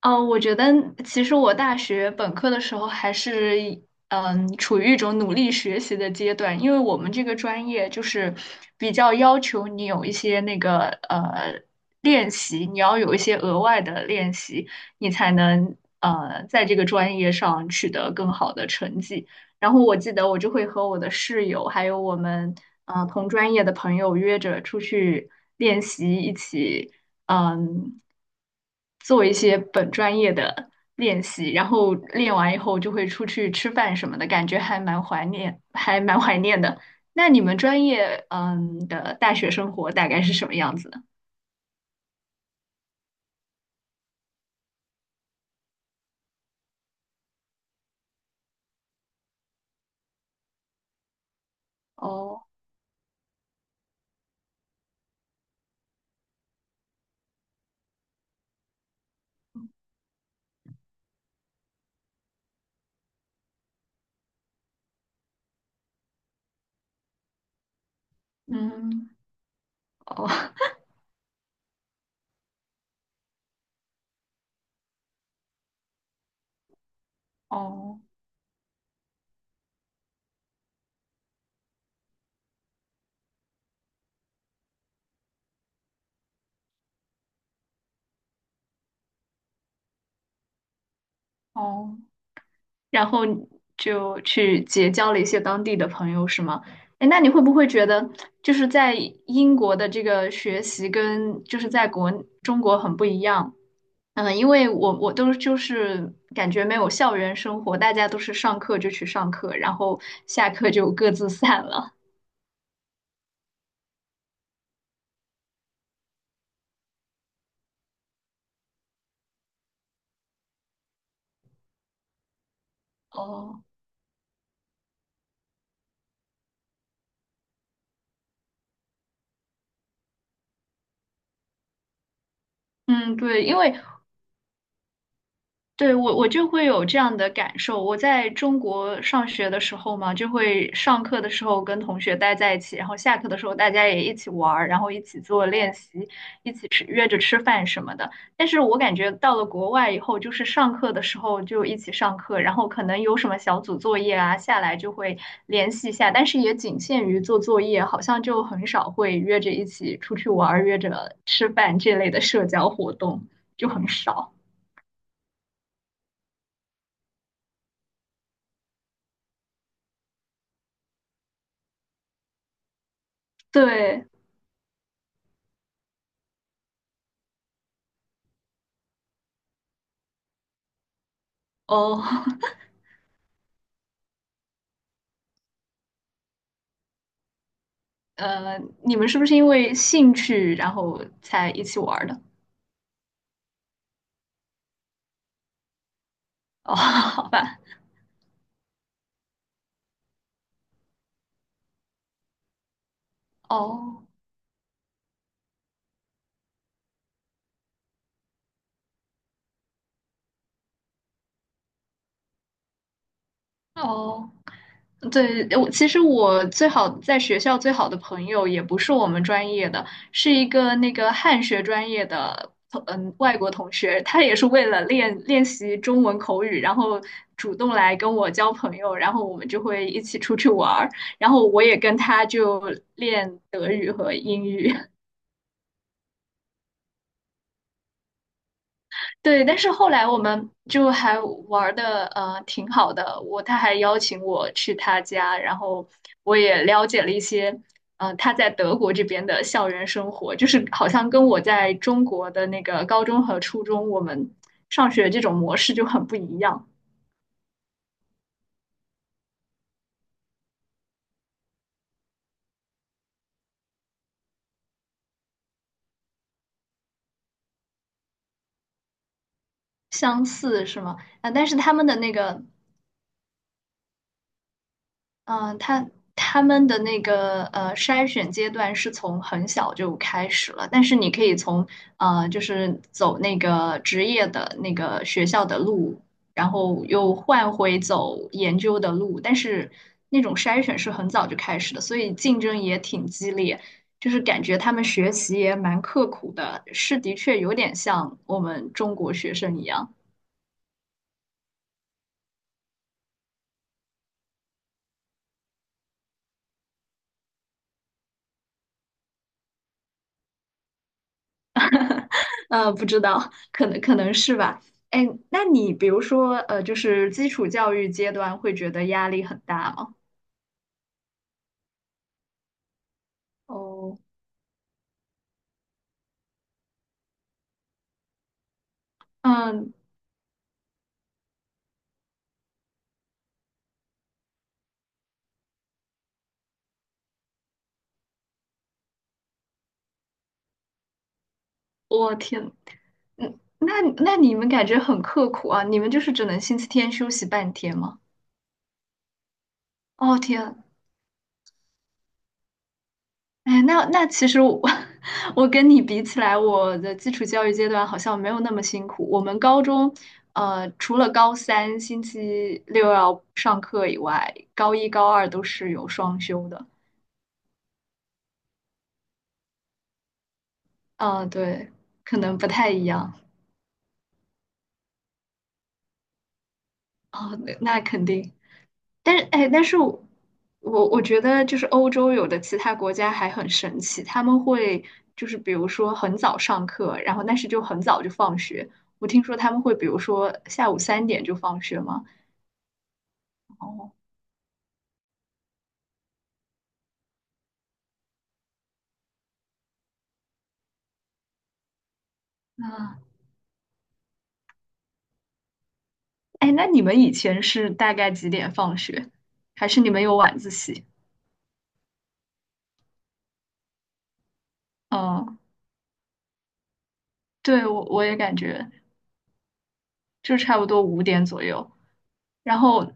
嗯，我觉得其实我大学本科的时候还是处于一种努力学习的阶段，因为我们这个专业就是比较要求你有一些那个练习，你要有一些额外的练习，你才能在这个专业上取得更好的成绩。然后我记得我就会和我的室友还有我们同专业的朋友约着出去练习，一起。嗯，做一些本专业的练习，然后练完以后就会出去吃饭什么的，感觉还蛮怀念，还蛮怀念的。那你们专业的大学生活大概是什么样子呢？哦。嗯。哦。 哦哦。然后你就去结交了一些当地的朋友，是吗？哎，那你会不会觉得，就是在英国的这个学习跟就是在中国很不一样？嗯，因为我都就是感觉没有校园生活，大家都是上课就去上课，然后下课就各自散了。哦。嗯。对，因为对，我就会有这样的感受。我在中国上学的时候嘛，就会上课的时候跟同学待在一起，然后下课的时候大家也一起玩儿，然后一起做练习，一起吃，约着吃饭什么的。但是我感觉到了国外以后，就是上课的时候就一起上课，然后可能有什么小组作业啊，下来就会联系一下，但是也仅限于做作业，好像就很少会约着一起出去玩儿，约着吃饭这类的社交活动就很少。对。哦。呃，你们是不是因为兴趣然后才一起玩儿的？哦，好吧。哦哦，对，我其实我最好在学校最好的朋友也不是我们专业的，是一个那个汉学专业的外国同学，他也是为了练习中文口语，然后主动来跟我交朋友，然后我们就会一起出去玩儿，然后我也跟他就练德语和英语。对，但是后来我们就还玩的挺好的，他还邀请我去他家，然后我也了解了一些他在德国这边的校园生活，就是好像跟我在中国的那个高中和初中我们上学这种模式就很不一样，相似是吗？啊，但是他们的那个嗯、呃他他们的那个筛选阶段是从很小就开始了，但是你可以从就是走那个职业的那个学校的路，然后又换回走研究的路，但是那种筛选是很早就开始的，所以竞争也挺激烈，就是感觉他们学习也蛮刻苦的，是的确有点像我们中国学生一样。不知道，可能是吧。哎，那你比如说，就是基础教育阶段会觉得压力很大吗？哦。嗯。我天，嗯，那那你们感觉很刻苦啊？你们就是只能星期天休息半天吗？哦天。哎，那那其实我 我跟你比起来，我的基础教育阶段好像没有那么辛苦。我们高中，除了高三星期六要上课以外，高一高二都是有双休的。啊，对，可能不太一样。啊，那那肯定。但是，哎，但是我我觉得就是欧洲有的其他国家还很神奇，他们会就是比如说很早上课，然后但是就很早就放学。我听说他们会比如说下午3点就放学吗？哦。那哎，那你们以前是大概几点放学？还是你们有晚自习？嗯，对，我也感觉就差不多5点左右。然后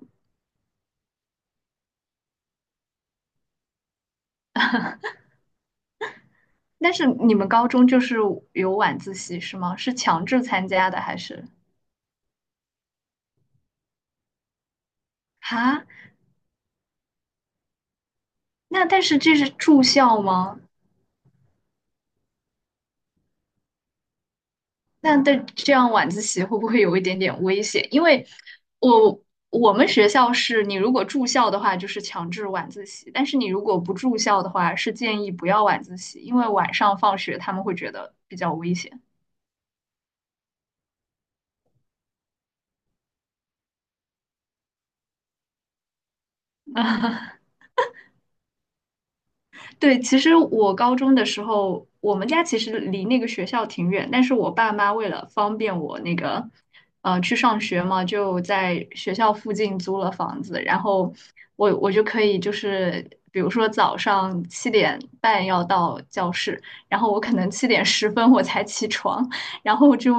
但是你们高中就是有晚自习是吗？是强制参加的还是？哈？那但是这是住校吗？那但这样晚自习会不会有一点点危险？因为我我们学校是你如果住校的话就是强制晚自习，但是你如果不住校的话是建议不要晚自习，因为晚上放学他们会觉得比较危险。对，其实我高中的时候，我们家其实离那个学校挺远，但是我爸妈为了方便我那个，去上学嘛，就在学校附近租了房子，然后我就可以就是，比如说早上7点半要到教室，然后我可能7点10分我才起床，然后就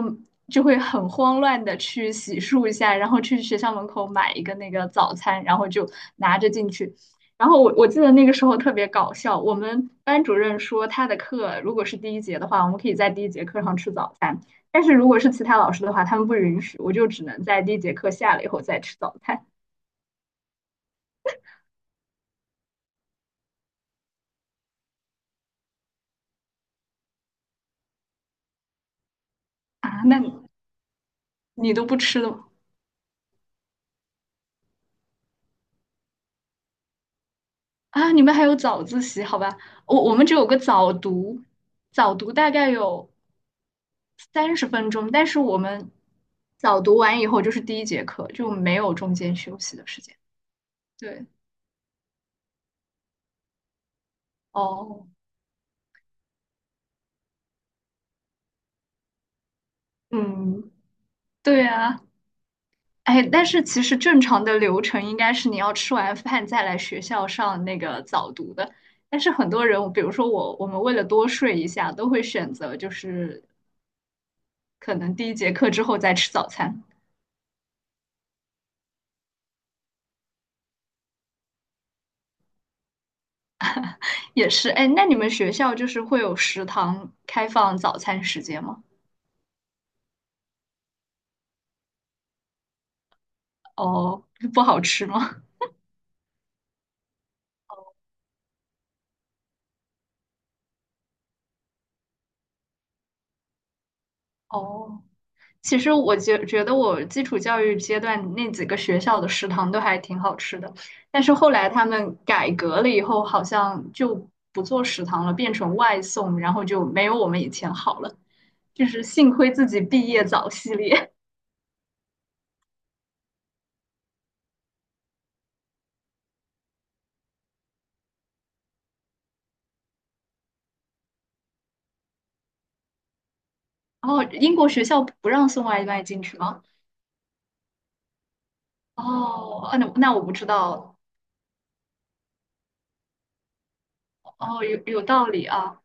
就会很慌乱的去洗漱一下，然后去学校门口买一个那个早餐，然后就拿着进去。然后我记得那个时候特别搞笑，我们班主任说他的课如果是第一节的话，我们可以在第一节课上吃早餐，但是如果是其他老师的话，他们不允许，我就只能在第一节课下了以后再吃早餐。啊。那你都不吃的吗？啊？你们还有早自习？好吧，我们只有个早读，早读大概有30分钟，但是我们早读完以后就是第一节课，就没有中间休息的时间。对。哦。嗯。对啊。哎，但是其实正常的流程应该是你要吃完饭再来学校上那个早读的。但是很多人，比如说我，我们为了多睡一下，都会选择就是可能第一节课之后再吃早餐，也是。哎，那你们学校就是会有食堂开放早餐时间吗？哦。不好吃吗？哦。其实我觉得我基础教育阶段那几个学校的食堂都还挺好吃的，但是后来他们改革了以后，好像就不做食堂了，变成外送，然后就没有我们以前好了。就是幸亏自己毕业早系列。然后英国学校不让送外卖进去吗？哦。啊那那我不知道。哦。有有道理啊。